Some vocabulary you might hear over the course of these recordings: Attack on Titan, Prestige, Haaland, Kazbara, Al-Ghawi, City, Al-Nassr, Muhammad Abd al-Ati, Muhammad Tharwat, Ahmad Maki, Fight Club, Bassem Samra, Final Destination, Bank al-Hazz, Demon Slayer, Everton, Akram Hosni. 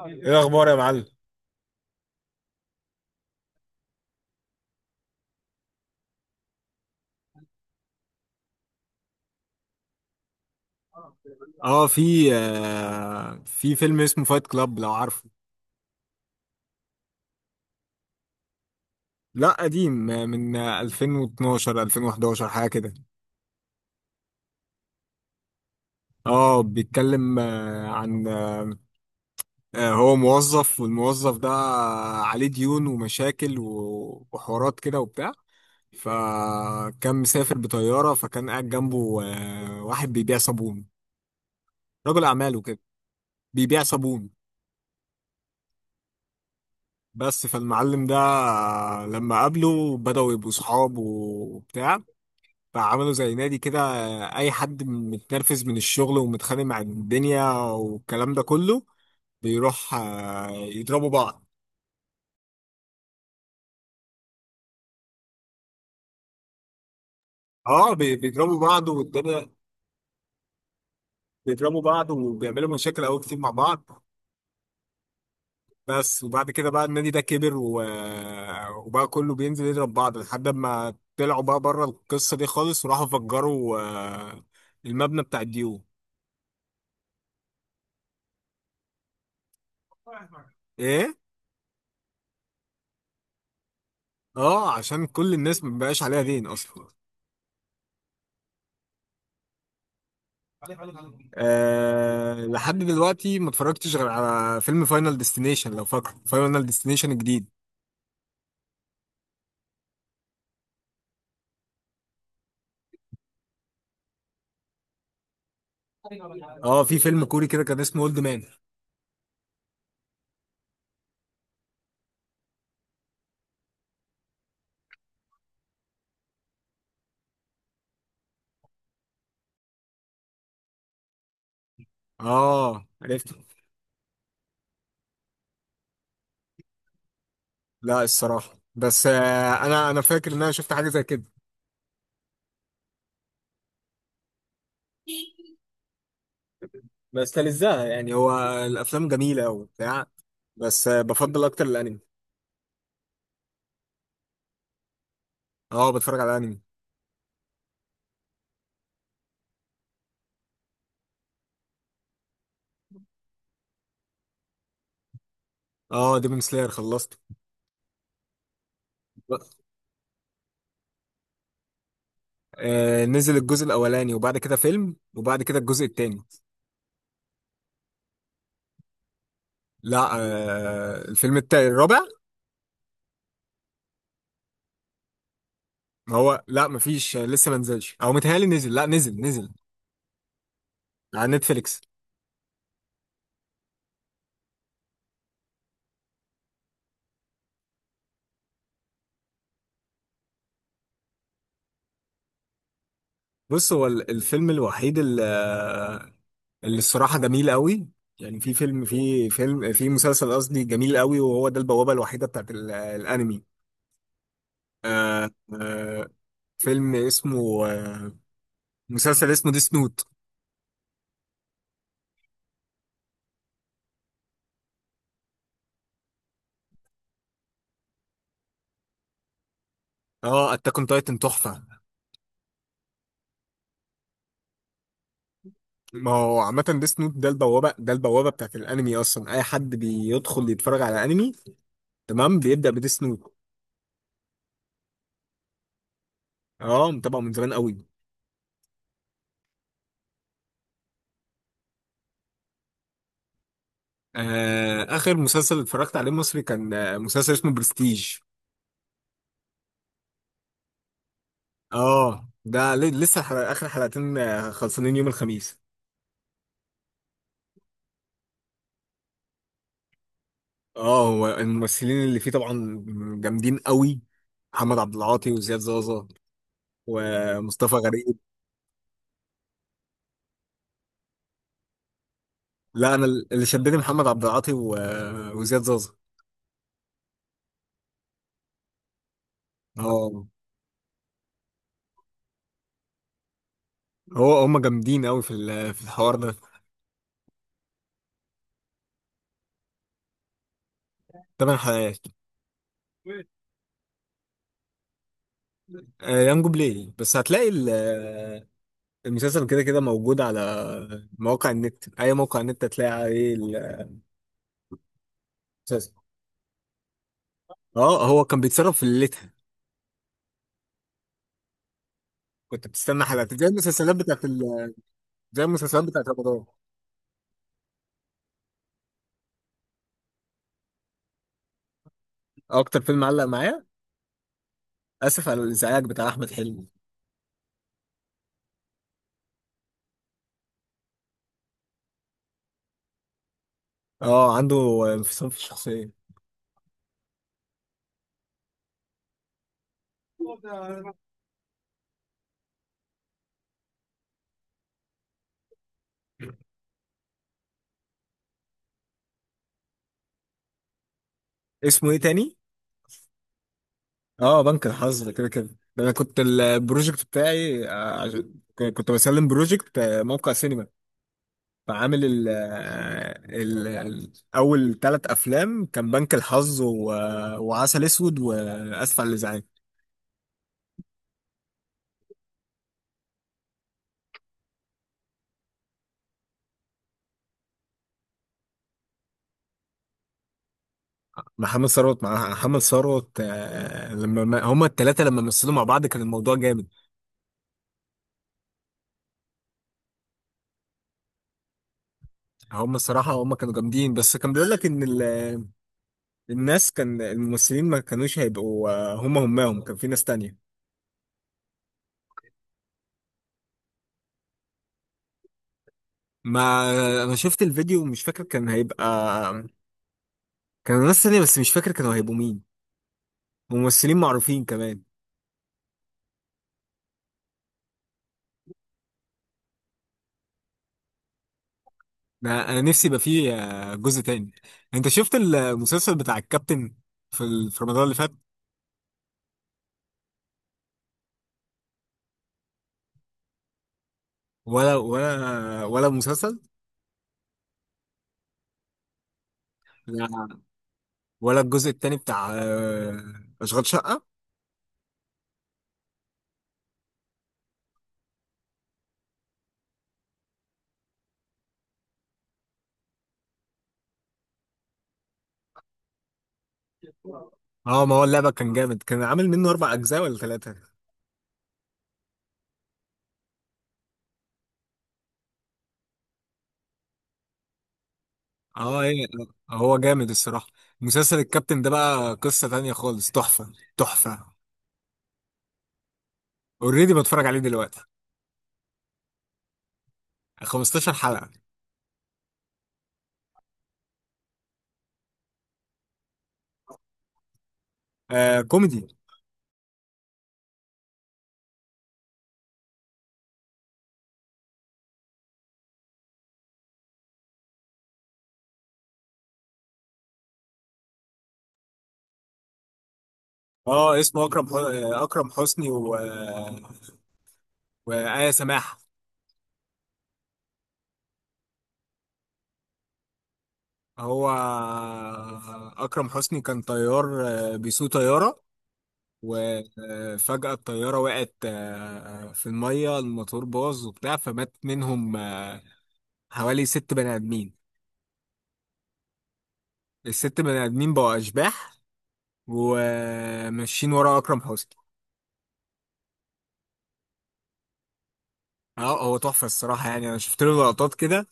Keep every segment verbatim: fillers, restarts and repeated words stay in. ايه الاخبار يا معلم؟ اه، في آه في فيلم اسمه فايت كلاب لو عارفه؟ لا، قديم، آه، من آه، ألفين واتناشر ألفين وحداشر حاجه كده. اه، بيتكلم آه عن، آه هو موظف، والموظف ده عليه ديون ومشاكل و- وحوارات كده وبتاع. فكان مسافر بطياره، فكان قاعد جنبه آه واحد بيبيع صابون، رجل اعمال وكده. بيبيع صابون. بس، فالمعلم ده، آه، لما قابله بدأوا يبقوا صحاب وبتاع. فعملوا زي نادي كده، آه، اي حد متنرفز من الشغل ومتخانق مع الدنيا والكلام ده كله بيروح آه، يضربوا بعض. اه، بي- بيضربوا بعض والدنيا، بيضربوا بعض وبيعملوا مشاكل قوي كتير مع بعض. بس، وبعد كده بقى النادي ده كبر، و... وبقى كله بينزل يضرب بعض لحد ما طلعوا بقى بره القصة دي خالص، وراحوا فجروا آه، المبنى بتاع الديون. ايه. اه، عشان كل الناس مبقاش عليها دين اصلا. أه، لحد دلوقتي ما اتفرجتش غير على فيلم فاينل ديستنيشن، لو فاكره فاينل ديستنيشن الجديد. اه، في فيلم كوري كده كان اسمه اولد مان. اه، عرفته. لا، الصراحه بس، آه انا انا فاكر ان انا شفت حاجه زي كده. بس تلزقها يعني، هو الافلام جميله قوي بتاع بس آه بفضل اكتر الانمي. اه، بتفرج على الانمي. اه، ديمون سلاير خلصته. آه نزل الجزء الاولاني، وبعد كده فيلم، وبعد كده الجزء التاني. لا، آه الفيلم التاني الرابع. ما هو لا، مفيش لسه ما نزلش، او متهيألي نزل، لا نزل نزل. على نتفليكس. بص، هو ال- الفيلم الوحيد اللي, اللي الصراحة جميل قوي، يعني في فيلم في فيلم في مسلسل قصدي، جميل قوي، وهو ده البوابة الوحيدة بتاعت ال- الانمي. آه آه فيلم اسمه آه، مسلسل اسمه ديس نوت. اه، اتاك اون تايتن تحفة. ما هو عامة، ديس نوت ده البوابة ده البوابة بتاعت الانمي، اصلا اي حد بيدخل يتفرج على انمي تمام بيبدأ بديس نوت. اه، متابعه من زمان قوي. آه، اخر مسلسل اتفرجت عليه مصري كان آه، مسلسل اسمه برستيج. اه، ده ل- لسه حلق اخر حلقتين، آه، خلصانين يوم الخميس. اه، هو الممثلين اللي فيه طبعا جامدين قوي، محمد عبد العاطي وزياد زازا، ومصطفى غريب. لا، انا اللي شدني محمد عبد العاطي و- وزياد زازا. اه، هو هم جامدين قوي في ال- في الحوار ده. ثمان حلقات. ايام جوبليه، بس هتلاقي ال- المسلسل كده كده موجود على مواقع النت، اي موقع النت هتلاقي عليه. المسلسل. اه، هو كان بيتصرف في ليلتها. كنت بتستنى حلقات زي المسلسلات بتاعت ال... زي المسلسلات بتاعت رمضان. آه، اكتر فيلم علق معايا اسف على الازعاج بتاع احمد حلمي. اه، عنده انفصام في الشخصيه. اسمه ايه تاني؟ اه، بنك الحظ ده كده كده. ده انا كنت البروجكت بتاعي، آه، عش- كنت بسلم بروجكت، آه، موقع سينما. فعامل ال ال ال- أول ثلاث أفلام كان بنك الحظ و... وعسل أسود وأسف على الإزعاج. محمد ثروت مع محمد ثروت، آه، لما ما- هما الثلاثة لما مثلوا مع بعض كان الموضوع جامد. هما الصراحة هما كانوا جامدين، بس كان بيقول لك إن ال... الناس، كان الممثلين ما كانوش هيبقوا، آه، هما هماهم كان في ناس تانية. ما أنا شفت الفيديو، مش فاكر كان هيبقى كانوا ناس تانية، بس مش فاكر كانوا هيبقوا مين، ممثلين معروفين كمان. ده انا نفسي يبقى فيه آه، جزء تاني. انت شفت المسلسل بتاع الكابتن في ال- في رمضان اللي فات؟ ولا ولا ولا المسلسل؟ لا، ولا الجزء التاني بتاع آه، اشغال شقة؟ اه، ما هو اللعبة كان جامد، كان عامل منه اربع اجزاء ولا ثلاثة؟ اه، ايه. آه، هو جامد الصراحة. مسلسل الكابتن ده بقى قصة تانية خالص، تحفة تحفة. اوريدي بتفرج عليه دلوقتي. 15 حلقة. آه، كوميدي. اه، اسمه اكرم حو... آه، اكرم حسني و... آه، وآية سماحة. هو أكرم حسني كان طيار، آه، بيسوق طيارة. وفجأة الطيارة وقعت آه، في المية، الموتور باظ وبتاع، فمات منهم آه، حوالي ست بني آدمين. الست بني آدمين بقوا أشباح، وماشيين ورا أكرم حسني. اه، هو تحفة الصراحة، يعني أنا شفت له لقطات كده،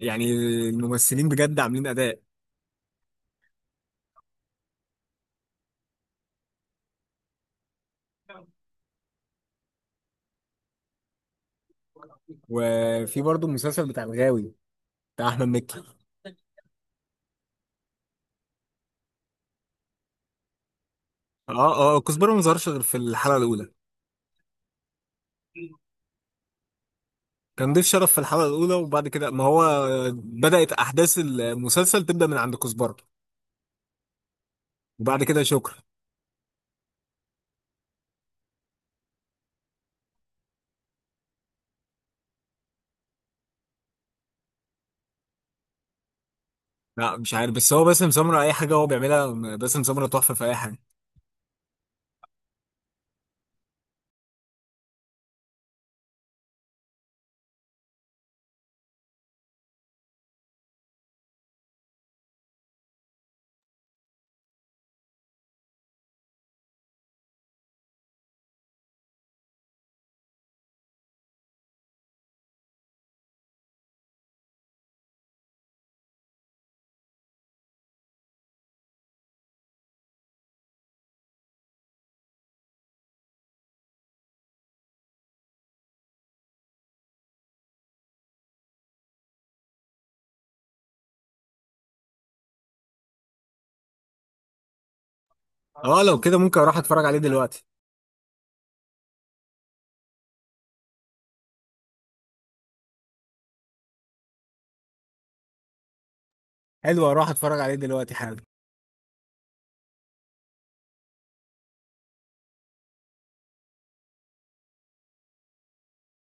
يعني الممثلين بجد عاملين أداء. وفي برضه المسلسل بتاع الغاوي، بتاع أحمد مكي. اه، اه، كزبرة ما ظهرش غير في الحلقة الأولى، كان ضيف شرف في الحلقة الأولى، وبعد كده ما هو بدأت أحداث المسلسل تبدأ من عند كزبرة، وبعد كده شكرا. لا، مش عارف، بس هو باسم سمرة أي حاجة هو بيعملها، باسم سمرة تحفة في أي حاجة. أه، لو كده ممكن أروح أتفرج عليه دلوقتي. حلو، أروح أتفرج عليه دلوقتي حالا.